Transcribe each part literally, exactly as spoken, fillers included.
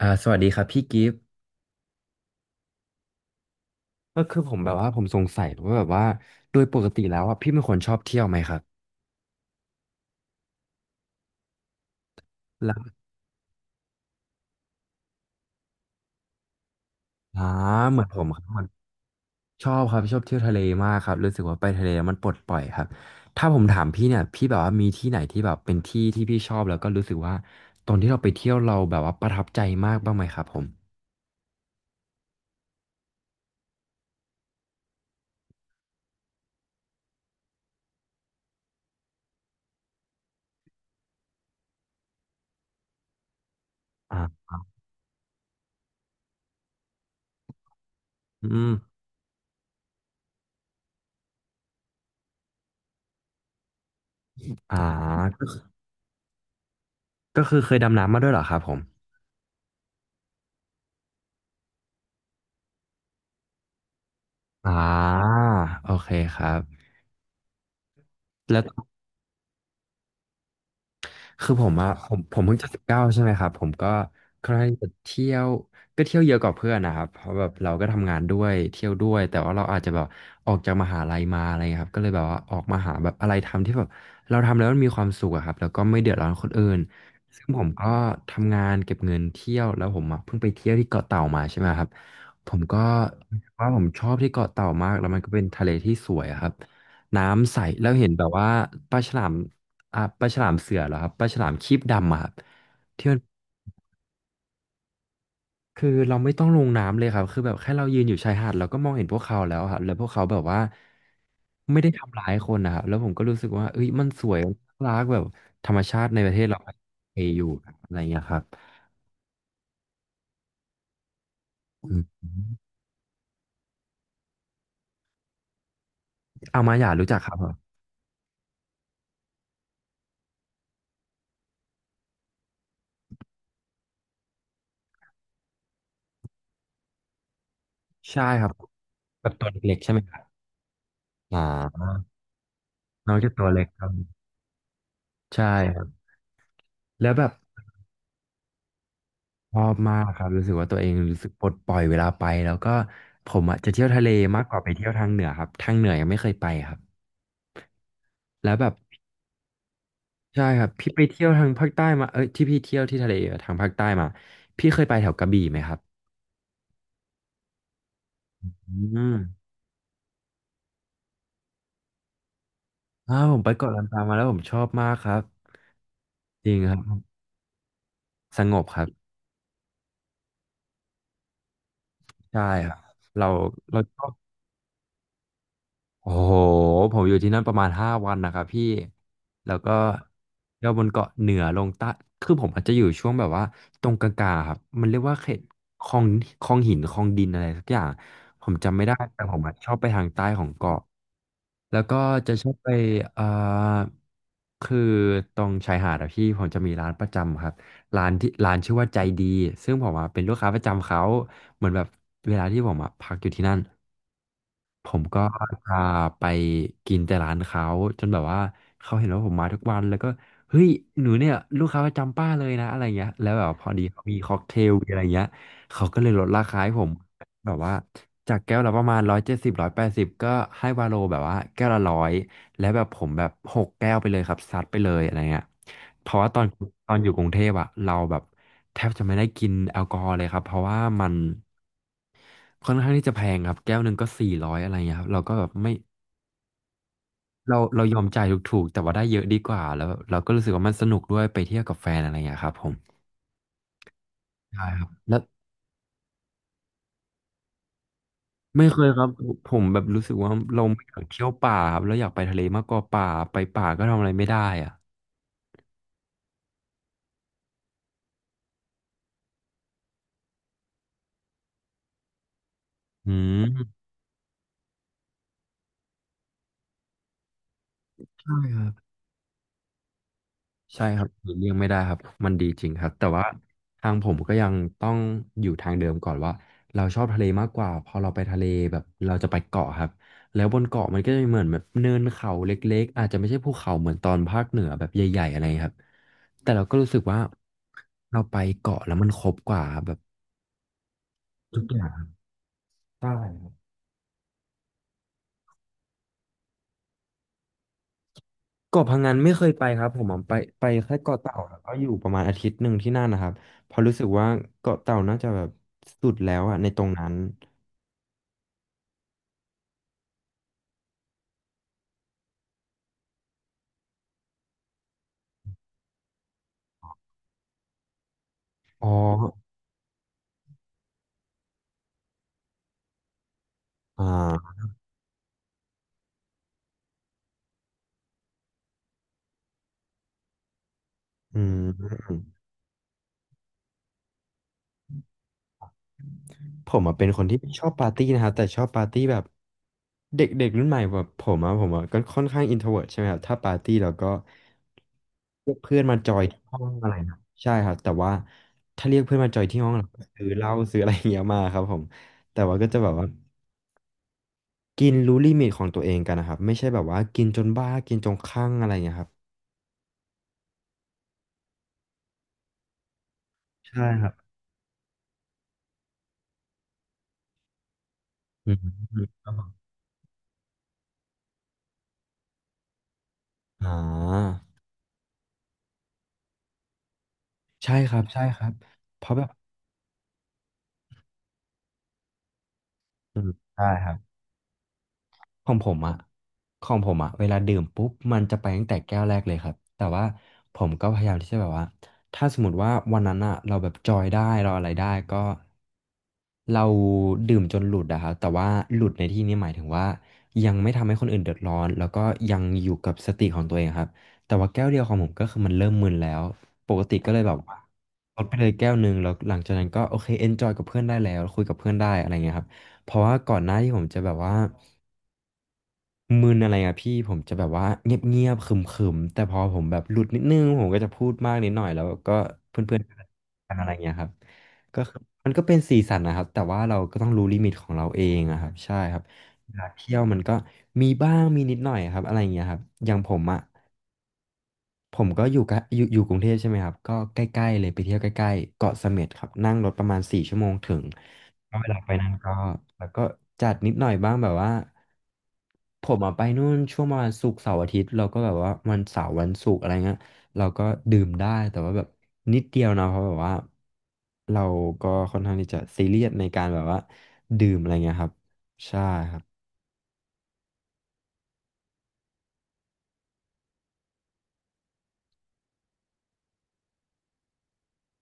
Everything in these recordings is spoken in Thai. อ่าสวัสดีครับพี่กิฟต์ก็คือผมแบบว่าผมสงสัยว่าแบบว่าโดยปกติแล้วอ่ะพี่เป็นคนชอบเที่ยวไหมครับแล้วอ่าเหมือนผมครับมันชอบครับชอบเที่ยวทะเลมากครับรู้สึกว่าไปทะเลมันปลดปล่อยครับถ้าผมถามพี่เนี่ยพี่แบบว่ามีที่ไหนที่แบบเป็นที่ที่พี่ชอบแล้วก็รู้สึกว่าตอนที่เราไปเที่ยวเราแบบว่าประทับใจมากบ้างไหมครับผมอ่าอืมอ่าก็คือก็คือเคยดำน้ำมาด้วยเหรอครับผมอ่าโอเคครับแล้ว คือผมอะผมผมเพิ่งจะสิบเก้าใช่ไหมครับผมก็ใครจะเที่ยวก็เที่ยวเยอะกว่าเพื่อนนะครับเพราะแบบเราก็ทำงานด้วยเที่ยวด้วยแต่ว่าเราอาจจะแบบออกจากมหาลัยมาอะไรเงี้ยครับก็เลยแบบว่าออกมาหาแบบอะไรทำที่แบบเราทำแล้วมันมีความสุขอะครับแล้วก็ไม่เดือดร้อนคนอื่นซึ่งผมก็ทำงานเก็บเงินเที่ยวแล้วผมอะเพิ่งไปเที่ยวที่เกาะเต่ามาใช่ไหมครับผมก็ว่าผมชอบที่เกาะเต่ามากแล้วมันก็เป็นทะเลที่สวยอะครับน้ำใสแล้วเห็นแบบว่าปลาฉลาม อ่ะปลาฉลามเสือเหรอครับปลาฉลามครีบดำอะครับที่มันคือเราไม่ต้องลงน้ำเลยครับคือแบบแค่เรายืนอยู่ชายหาดเราก็มองเห็นพวกเขาแล้วครับแล้วพวกเขาแบบว่าไม่ได้ทำร้ายคนนะครับแล้วผมก็รู้สึกว่าเอ้ยมันสวยมันน่ารักแบบธรรมชาติในประเทศเราเออยู่อะไรอย่างเงี้ยครับอืมเอามาหยารู้จักครับผมใช่ครับแบบตัวเล็กๆใช่ไหมครับอ่าน้องจะตัวเล็กครับใช่ครับแล้วแบบ ชอบมากครับรู้สึกว่าตัวเองรู้สึกปลดปล่อยเวลาไปแล้วก็ผมอ่ะจะเที่ยวทะเลมากกว่าไปเที่ยวทางเหนือครับทางเหนือยังไม่เคยไปครับแล้วแบบใช่ครับพี่ไปเที่ยวทางภาคใต้มาเอ้ยที่พี่เที่ยวที่ทะเลทางภาคใต้มาพี่เคยไปแถวกระบี่ไหมครับอืมอ้าวผมไปเกาะลันตามาแล้วผมชอบมากครับจริงครับสงบครับใช่ครับเราเราชอบ โอ้โหผมอยู่ที่นั่นประมาณห้าวันนะครับพี่แล้วก็เที่ยวบนเกาะเหนือลงใต้คือผมอาจจะอยู่ช่วงแบบว่าตรงกลางๆครับมันเรียกว่าเขตคลองคลองหินคลองดินอะไรสักอย่างผมจำไม่ได้แต่ผมอะชอบไปทางใต้ของเกาะแล้วก็จะชอบไปเอ่อคือตรงชายหาดอะพี่ผมจะมีร้านประจำครับร้านที่ร้านชื่อว่าใจดีซึ่งผมอะเป็นลูกค้าประจำเขาเหมือนแบบเวลาที่ผมอะพักอยู่ที่นั่น ผมก็จะไปกินแต่ร้านเขาจนแบบว่าเขาเห็นว่าผมมาทุกวันแล้วก็เฮ้ยหนูเนี่ยลูกค้าประจำป้าเลยนะอะไรเงี้ยแล้วแบบพอดีเขามีค็อกเทลมีอะไรเงี้ยเขาก็เลยลดราคาให้ผมแบบว่าจากแก้วละประมาณร้อยเจ็ดสิบร้อยแปดสิบก็ให้วาโลแบบว่าแก้วละร้อยแล้วแบบผมแบบหกแก้วไปเลยครับซัดไปเลยอะไรเงี้ยเพราะว่าตอนตอนอยู่กรุงเทพอะเราแบบแทบจะไม่ได้กินแอลกอฮอล์เลยครับเพราะว่ามัน ค่อนข้างที่จะแพงครับแก้วหนึ่งก็สี่ร้อยอะไรเงี้ยครับเราก็แบบไม่เราเรายอมจ่ายถูกๆแต่ว่าได้เยอะดีกว่าแล้วเราก็รู้สึกว่ามันสนุกด้วยไปเที่ยวกับแฟนอะไรเงี้ยครับผมใช่ครับแล้วไม่เคยครับผมแบบรู้สึกว่าเราไม่อยากเที่ยวป่าครับเราอยากไปทะเลมากกว่าป่าไปป่าก็ทำอะไรไม่ได้อ่ะอืมใช่ครับ ใช่ครับหลีกเลี่ยงไม่ได้ครับมันดีจริงครับแต่ว่าทางผมก็ยังต้องอยู่ทางเดิมก่อนว่าเราชอบทะเลมากกว่าพอเราไปทะเลแบบเราจะไปเกาะครับแล้วบนเกาะมันก็จะมีเหมือนแบบเนินเขาเล็กๆอาจจะไม่ใช่ภูเขาเหมือนตอนภาคเหนือแบบใหญ่ๆอะไรครับแต่เราก็รู้สึกว่าเราไปเกาะแล้วมันครบกว่าแบบทุกอย่างครับใช่ครับเกาะพังงานไม่เคยไปครับผมอะไปไปแค่เกาะเต่าแล้วก็อยู่ประมาณอาทิตย์หนึ่งที่นั่นนะครับเพอราะรู้สึกว่าเกาะเต่าน่าจะแบบสุดแล้วอะในตรงนั้น อ๋ออ่าอืมผมอ่ะเป็นคนที่ชอบปาร์ตี้นะครับแต่ชอบปาร์ตี้แบบเด็กเด็กรุ่นใหม่แบบผมอ่ะผมอ่ะก็ค่อนข้างอินโทรเวิร์ตใช่ไหมครับถ้าปาร์ตี้เราก็เรียกเพื่อนมาจอยที่ห้องอะไรนะใช่ครับแต่ว่าถ้าเรียกเพื่อนมาจอยที่ห้องเราก็ซื้อเหล้าซื้ออะไรอย่างเงี้ยมาครับผมแต่ว่าก็จะแบบว่ากินรู้ลิมิตของตัวเองกันนะครับไม่ใช่แบบว่ากินจนบ้ากินจนคลั่งอะไรอย่างเงี้ยครับใช่ครับอืมครับผมอ่าใช่ครับใช่ครับเพราะแบบ อืมได้ครับ ของผมอะของผมอะเวลาดื่มปุ๊บมันจะไปตั้งแต่แก้วแรกเลยครับแต่ว่าผมก็พยายามที่จะแบบว่าถ้าสมมติว่าวันนั้นอะเราแบบจอยได้เราอะไรได้ก็เราดื่มจนหลุดอะครับแต่ว่าหลุดในที่นี้หมายถึงว่ายังไม่ทำให้คนอื่นเดือดร้อนแล้วก็ยังอยู่กับสติของตัวเองครับแต่ว่าแก้วเดียวของผมก็คือมันเริ่มมึนแล้วปกติก็เลยแบบว่าลดไปเลยแก้วหนึ่งแล้วหลังจากนั้นก็โอเคเอนจอยกับเพื่อนได้แล้วคุยกับเพื่อนได้อะไรเงี้ยครับเพราะว่าก่อนหน้าที่ผมจะแบบว่า มึนอะไรอะพี่ผมจะแบบว่าเงียบๆขรึมๆแต่พอผมแบบหลุดนิดนึงผมก็จะพูดมากนิดหน่อยแล้วก็เพื่อนๆกันอะไรเงี้ยครับก็คือมันก็เป็นสีสันนะครับแต่ว่าเราก็ต้องรู้ลิมิตของเราเองอะครับใช่ครับเวลาเที่ยวมันก็มีบ้างมีนิดหน่อยครับอะไรเงี้ยครับอย่างผมอะผมก็อยู่กะอยู่อยู่กรุงเทพใช่ไหมครับก็ใกล้ๆเลยไปเที่ยวใกล้ๆเกาะเสม็ดครับนั่งรถประมาณสี่ชั่วโมงถึง ก็เวลาไปนั้นก็แล้วก็จัดนิดหน่อยบ้างแบบว่าผมอะไปนู่นช่วงประมาณศุกร์เสาร์อาทิตย์เราก็แบบว่าวันเสาร์วันศุกร์อะไรเงี้ยเราก็ดื่มได้แต่ว่าแบบนิดเดียวนะเพราะแบบว่าเราก็ค่อนข้างที่จะซีเรียสในการแบบว่าดื่มอะไรเงี้ยครับใช่ครับ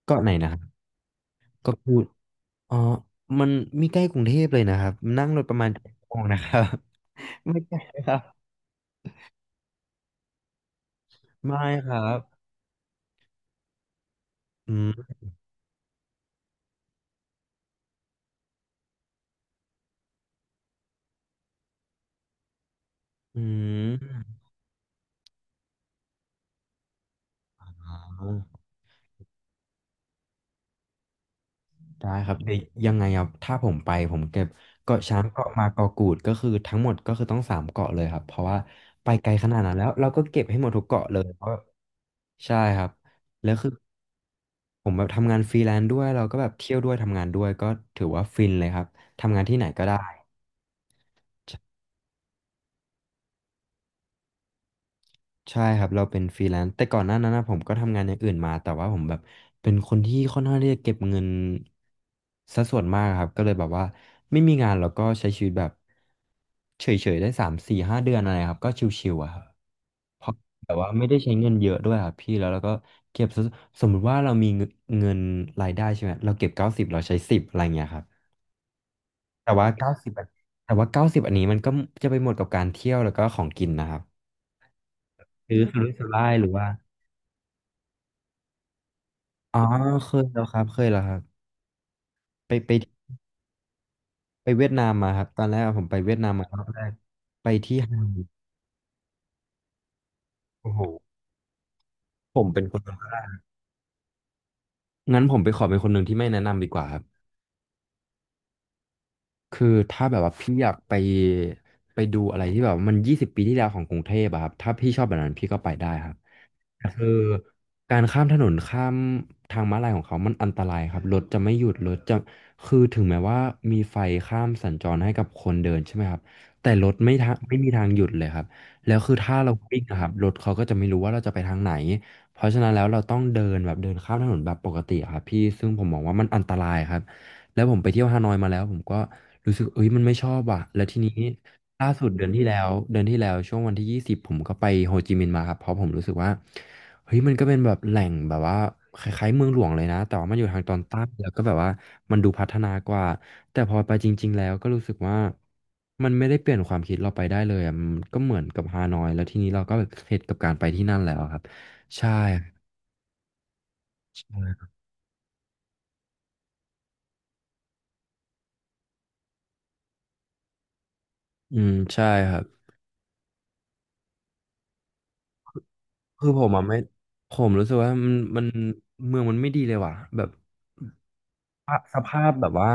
เก็ไหนนะครับเก็พูดอ๋อมันมีใกล้กรุงเทพเลยนะครับนั่งรถประมาณเจ็ดชั่วโมงนะครับ ไม่ใกล้ครับไม่ครับอืมอืมอ๋อ ได้ครับเดี๋ยวยังไงอ่ถ้าผมไปผมเก็บเกาะช้างเกาะมาเกาะกูดก็คือทั้งหมดก็คือต้องสามเกาะเลยครับเพราะว่าไปไกลขนาดนั้นแล้วเราก็เก็บให้หมดทุกเกาะเลยเพราะใช่ครับแล้วคือผมแบบทำงานฟรีแลนซ์ด้วยเราก็แบบเที่ยวด้วยทำงานด้วยก็ถือว่าฟินเลยครับทำงานที่ไหนก็ได้ ใช่ครับเราเป็นฟรีแลนซ์แต่ก่อนหน้านั้นนะผมก็ทำงานอย่างอื่นมาแต่ว่าผมแบบเป็นคนที่ค่อนข้างที่จะเก็บเงินสัดส่วนมากครับก็เลยแบบว่าไม่มีงานเราก็ใช้ชีวิตแบบเฉยๆได้สามสี่ห้าเดือนอะไรครับก็ชิวๆอะครับเพราะแบบว่าไม่ได้ใช้เงินเยอะด้วยครับพี่แล้วเราก็เก็บสัดสมมุติว่าเรามีเงินเงินรายได้ใช่ไหมเราเก็บเก้าสิบเราใช้สิบอะไรเงี้ยครับแต่ว่าเก้าสิบแต่ว่าเก้าสิบอันนี้มันก็จะไปหมดกับการเที่ยวแล้วก็ของกินนะครับซื้อสุรุ่ยสุร่ายหรือว่า อ๋อเคยแล้วครับเคยแล้วครับไปไปไปเวียดนามมาครับตอนแรกผมไปเวียดนามมารอบแรกไปที่ฮันโอ้โหผมเป็นคนงั้นผมไปขอเป็นคนหนึ่งที่ไม่แนะนำดีกว่าครับคือถ้าแบบว่าพี่อยากไปไปดูอะไรที่แบบว่ามันยี่สิบปีที่แล้วของกรุงเทพอะครับถ้าพี่ชอบแบบนั้นพี่ก็ไปได้ครับ คือการข้ามถนนข้ามทางม้าลายของเขามันอันตรายครับรถจะไม่หยุดรถจะคือถึงแม้ว่ามีไฟข้ามสัญจรให้กับคนเดินใช่ไหมครับแต่รถไม่ทางไม่มีทางหยุดเลยครับแล้วคือถ้าเราวิ่งนะครับรถเขาก็จะไม่รู้ว่าเราจะไปทางไหนเพราะฉะนั้นแล้วเราต้องเดินแบบเดินข้ามถนนแบบปกติอะครับพี่ซึ่งผมมองว่ามันอันตรายครับ แล้วผมไปเที่ยวฮานอยมาแล้วผมก็รู้สึกเอ้ยมันไม่ชอบอ่ะแล้วทีนี้ล่าสุดเดือนที่แล้วเดือนที่แล้วช่วงวันที่ยี่สิบผมก็ไปโฮจิมินห์มาครับเพราะผมรู้สึกว่าเฮ้ยมันก็เป็นแบบแหล่งแบบว่าคล้ายๆเมืองหลวงเลยนะแต่ว่ามันอยู่ทางตอนใต้แล้วก็แบบว่ามันดูพัฒนากว่าแต่พอไปจริงๆแล้วก็รู้สึกว่ามันไม่ได้เปลี่ยนความคิดเราไปได้เลยอะมันก็เหมือนกับฮานอยแล้วทีนี้เราก็เข็ดกับการไปที่นั่นแล้วครับใช่อืมใช่ครับ คือผมอ่ะไม่ผมรู้สึกว่ามันมันเมืองมันไม่ดีเลยว่ะแบบสภาพแบบว่า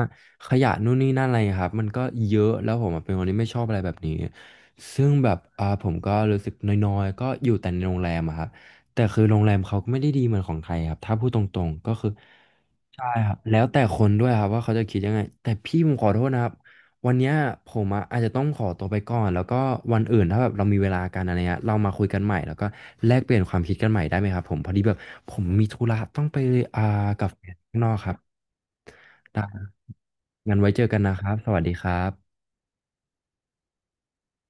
ขยะนู่นนี่นั่นอะไรครับมันก็เยอะแล้วผมอะเป็นคนที่ไม่ชอบอะไรแบบนี้ซึ่งแบบอ่าผมก็รู้สึกน้อยๆก็อยู่แต่ในโรงแรมอะครับแต่คือโรงแรมเขาก็ไม่ได้ดีเหมือนของไทยครับถ้าพูดตรงๆก็คือ ใช่ครับแล้วแต่คนด้วยครับว่าเขาจะคิดยังไงแต่พี่ผมขอโทษนะครับวันเนี้ยผมอะอาจจะต้องขอตัวไปก่อนแล้วก็วันอื่นถ้าแบบเรามีเวลากันอะไรเงี้ยเรามาคุยกันใหม่แล้วก็แลกเปลี่ยนความคิดกันใหม่ได้ไหมครับผมพอดีแบบผมมีธุระต้องไปอ่ากับแฟนข้างนอกครับได้งั้นไว้เจอกันนะครับสวัสดีครับ